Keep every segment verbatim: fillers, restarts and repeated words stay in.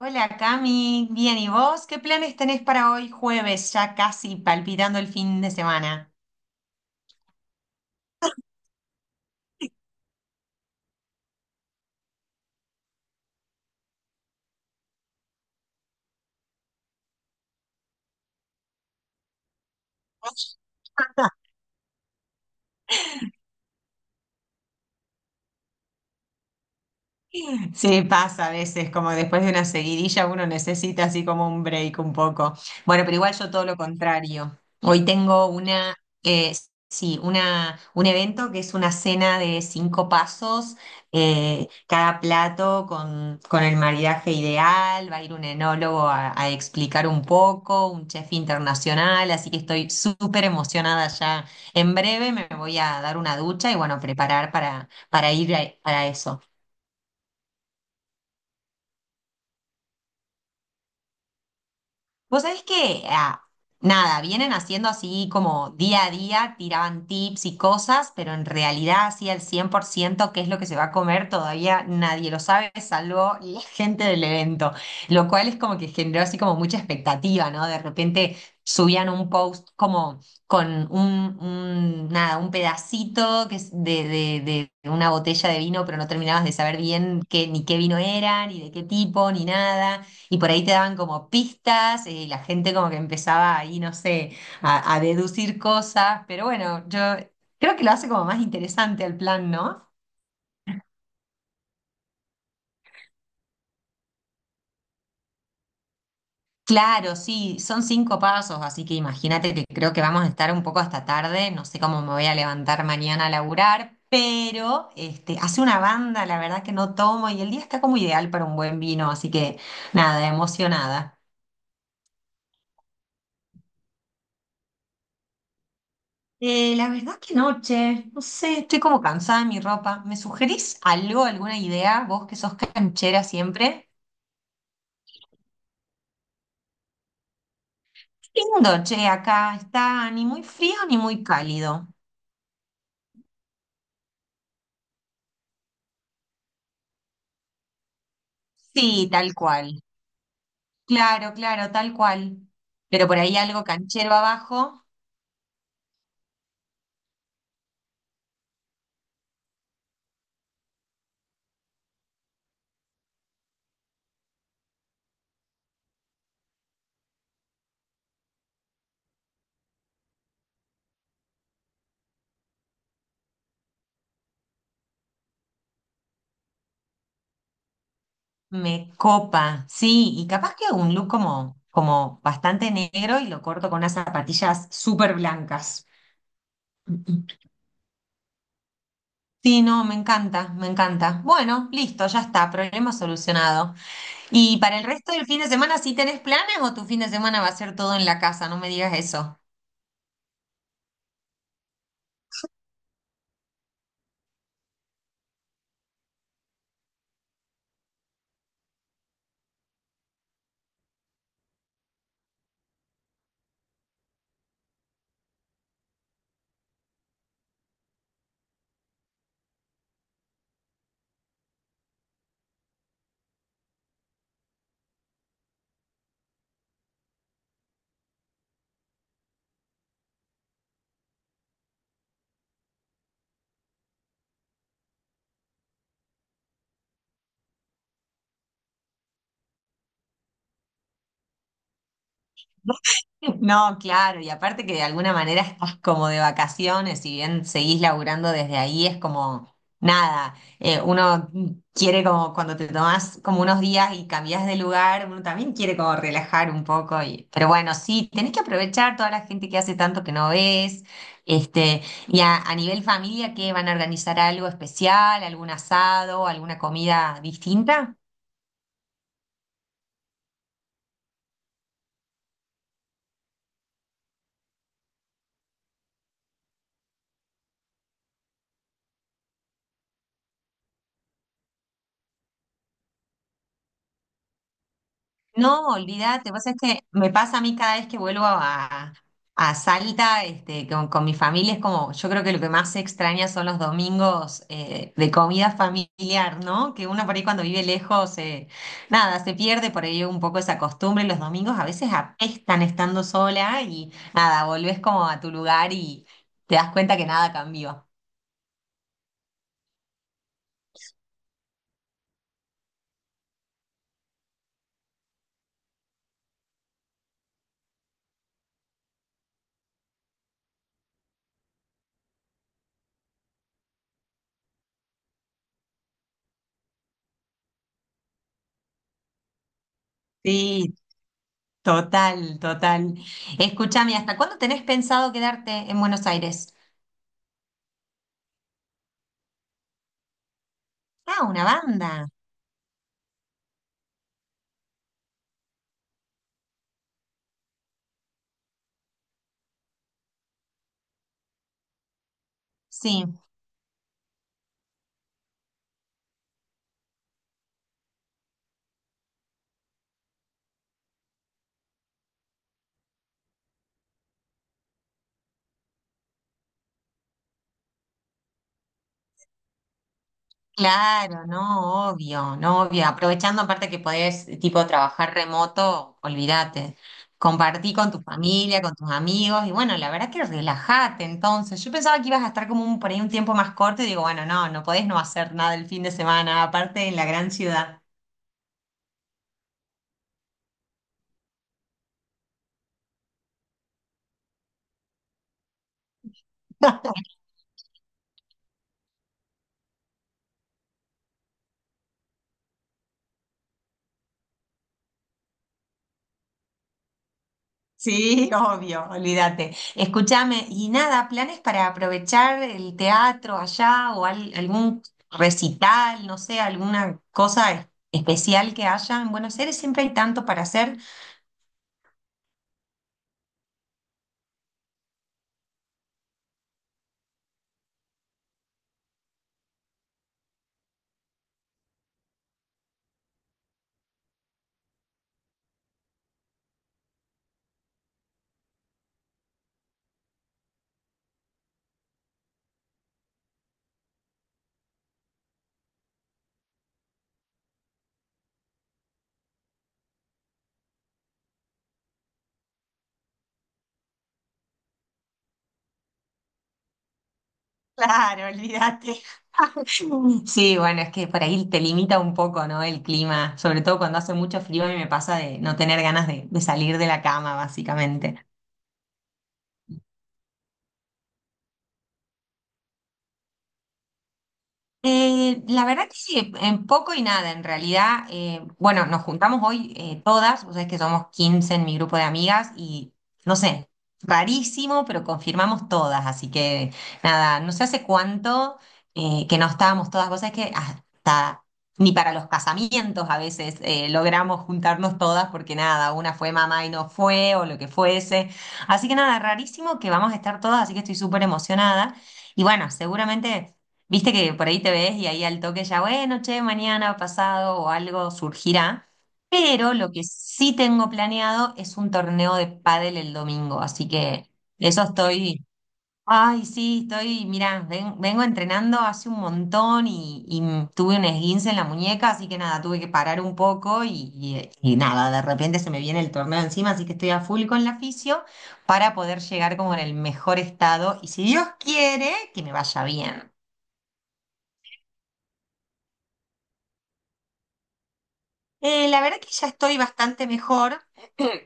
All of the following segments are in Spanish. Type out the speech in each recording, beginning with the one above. Hola Cami, bien, ¿y vos? ¿Qué planes tenés para hoy jueves, ya casi palpitando el fin de semana? Sí, pasa a veces, como después de una seguidilla uno necesita así como un break un poco. Bueno, pero igual yo todo lo contrario. Hoy tengo una, eh, sí, una, un evento que es una cena de cinco pasos, eh, cada plato con, con el maridaje ideal, va a ir un enólogo a, a explicar un poco, un chef internacional, así que estoy súper emocionada ya. En breve me voy a dar una ducha y bueno, preparar para, para ir a- para eso. Vos sabés que, ah, nada, vienen haciendo así como día a día, tiraban tips y cosas, pero en realidad así al cien por ciento qué es lo que se va a comer todavía nadie lo sabe, salvo la gente del evento, lo cual es como que generó así como mucha expectativa, ¿no? De repente subían un post como con un, un- nada, un pedacito que es de, de, de una botella de vino, pero no terminabas de saber bien qué, ni qué vino eran, ni de qué tipo, ni nada y por ahí te daban como pistas eh, y la gente como que empezaba ahí, no sé, a, a deducir cosas, pero bueno, yo creo que lo hace como más interesante el plan, ¿no? Claro, sí, son cinco pasos, así que imagínate que creo que vamos a estar un poco hasta tarde, no sé cómo me voy a levantar mañana a laburar, pero este, hace una banda, la verdad que no tomo y el día está como ideal para un buen vino, así que nada, emocionada. Eh, la verdad que noche, no sé, estoy como cansada de mi ropa. ¿Me sugerís algo, alguna idea? Vos que sos canchera siempre. Qué lindo, che, acá está ni muy frío ni muy cálido. Sí, tal cual. Claro, claro, tal cual. Pero por ahí algo canchero abajo me copa. Sí, y capaz que un look como, como bastante negro y lo corto con unas zapatillas súper blancas. Sí, no, me encanta, me encanta. Bueno, listo, ya está, problema solucionado. ¿Y para el resto del fin de semana sí tenés planes o tu fin de semana va a ser todo en la casa? No me digas eso. No, claro, y aparte que de alguna manera estás como de vacaciones, si bien seguís laburando desde ahí, es como nada, eh, uno quiere como cuando te tomás como unos días y cambiás de lugar, uno también quiere como relajar un poco, y, pero bueno, sí, tenés que aprovechar toda la gente que hace tanto que no ves, este, y a, a nivel familia, ¿qué van a organizar algo especial, algún asado, alguna comida distinta? No, olvídate, vos es que me pasa a mí cada vez que vuelvo a, a Salta, este, con, con mi familia, es como, yo creo que lo que más se extraña son los domingos eh, de comida familiar, ¿no? Que uno por ahí cuando vive lejos, eh, nada, se pierde por ahí un poco esa costumbre, los domingos a veces apestan estando sola y nada, volvés como a tu lugar y te das cuenta que nada cambió. Sí, total, total. Escúchame, ¿hasta cuándo tenés pensado quedarte en Buenos Aires? Ah, una banda. Sí, claro, no, obvio, no, obvio. Aprovechando aparte que podés, tipo, trabajar remoto, olvídate. Compartí con tu familia, con tus amigos, y bueno, la verdad que relajate entonces. Yo pensaba que ibas a estar como un, por ahí un tiempo más corto, y digo, bueno, no, no podés no hacer nada el fin de semana, aparte en la gran ciudad. Sí, obvio, olvídate. Escúchame, y nada, ¿planes para aprovechar el teatro allá o al- algún recital, no sé, alguna cosa es- especial que haya? En Buenos Aires siempre hay tanto para hacer. Claro, olvídate. Sí, bueno, es que por ahí te limita un poco, ¿no? El clima, sobre todo cuando hace mucho frío y me pasa de no tener ganas de, de salir de la cama, básicamente. Eh, la verdad que sí, en poco y nada, en realidad, eh, bueno, nos juntamos hoy eh, todas, vos sabés que somos quince en mi grupo de amigas y no sé, rarísimo, pero confirmamos todas, así que nada, no sé hace cuánto eh, que no estábamos todas, vos sabés que hasta ni para los casamientos a veces eh, logramos juntarnos todas porque nada, una fue mamá y no fue o lo que fuese, así que nada, rarísimo que vamos a estar todas, así que estoy súper emocionada y bueno, seguramente... Viste que por ahí te ves y ahí al toque ya, bueno, che, mañana, pasado o algo surgirá. Pero lo que sí tengo planeado es un torneo de pádel el domingo, así que de eso estoy. Ay, sí, estoy, mirá, ven- vengo entrenando hace un montón y, y m- tuve un esguince en la muñeca, así que nada, tuve que parar un poco y, y- y nada, de repente se me viene el torneo encima, así que estoy a full con la fisio para poder llegar como en el mejor estado y si Dios quiere, que me vaya bien. Eh, la verdad que ya estoy bastante mejor,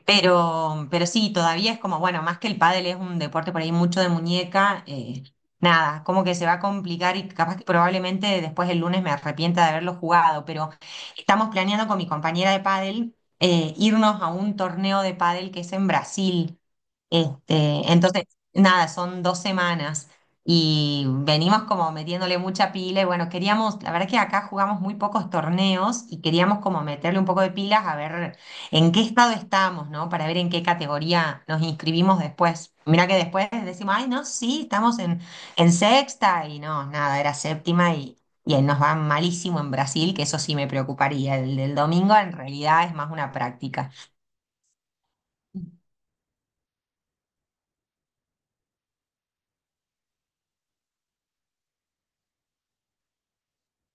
pero, pero sí, todavía es como, bueno, más que el pádel es un deporte por ahí mucho de muñeca, eh, nada, como que se va a complicar y capaz que probablemente después el lunes me arrepienta de haberlo jugado, pero estamos planeando con mi compañera de pádel eh, irnos a un torneo de pádel que es en Brasil. Este, entonces, nada, son dos semanas y venimos como metiéndole mucha pila y bueno, queríamos, la verdad que acá jugamos muy pocos torneos y queríamos como meterle un poco de pilas a ver en qué estado estamos, ¿no? Para ver en qué categoría nos inscribimos después. Mira que después decimos, ay, no, sí, estamos en, en sexta y no, nada, era séptima y, y ahí nos va malísimo en Brasil, que eso sí me preocuparía. El del domingo en realidad es más una práctica.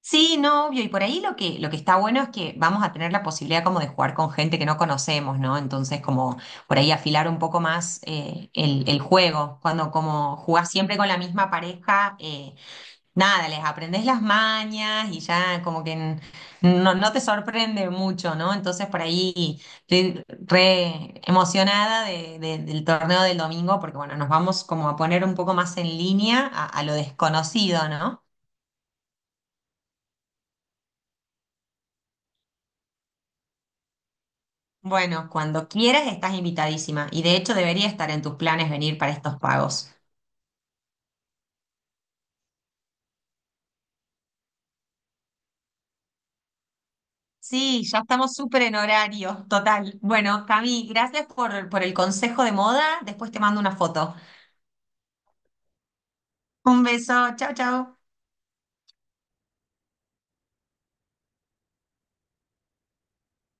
Sí, no, obvio. Y por ahí lo que, lo que está bueno es que vamos a tener la posibilidad como de jugar con gente que no conocemos, ¿no? Entonces, como por ahí afilar un poco más eh, el, el juego. Cuando como jugás siempre con la misma pareja, eh, nada, les aprendés las mañas y ya como que n- no, no te sorprende mucho, ¿no? Entonces, por ahí estoy re emocionada de- de- del torneo del domingo porque, bueno, nos vamos como a poner un poco más en línea a, a lo desconocido, ¿no? Bueno, cuando quieras estás invitadísima y de hecho debería estar en tus planes venir para estos pagos. Sí, ya estamos súper en horario, total. Bueno, Cami, gracias por, por el consejo de moda. Después te mando una foto. Un beso, chao, chao.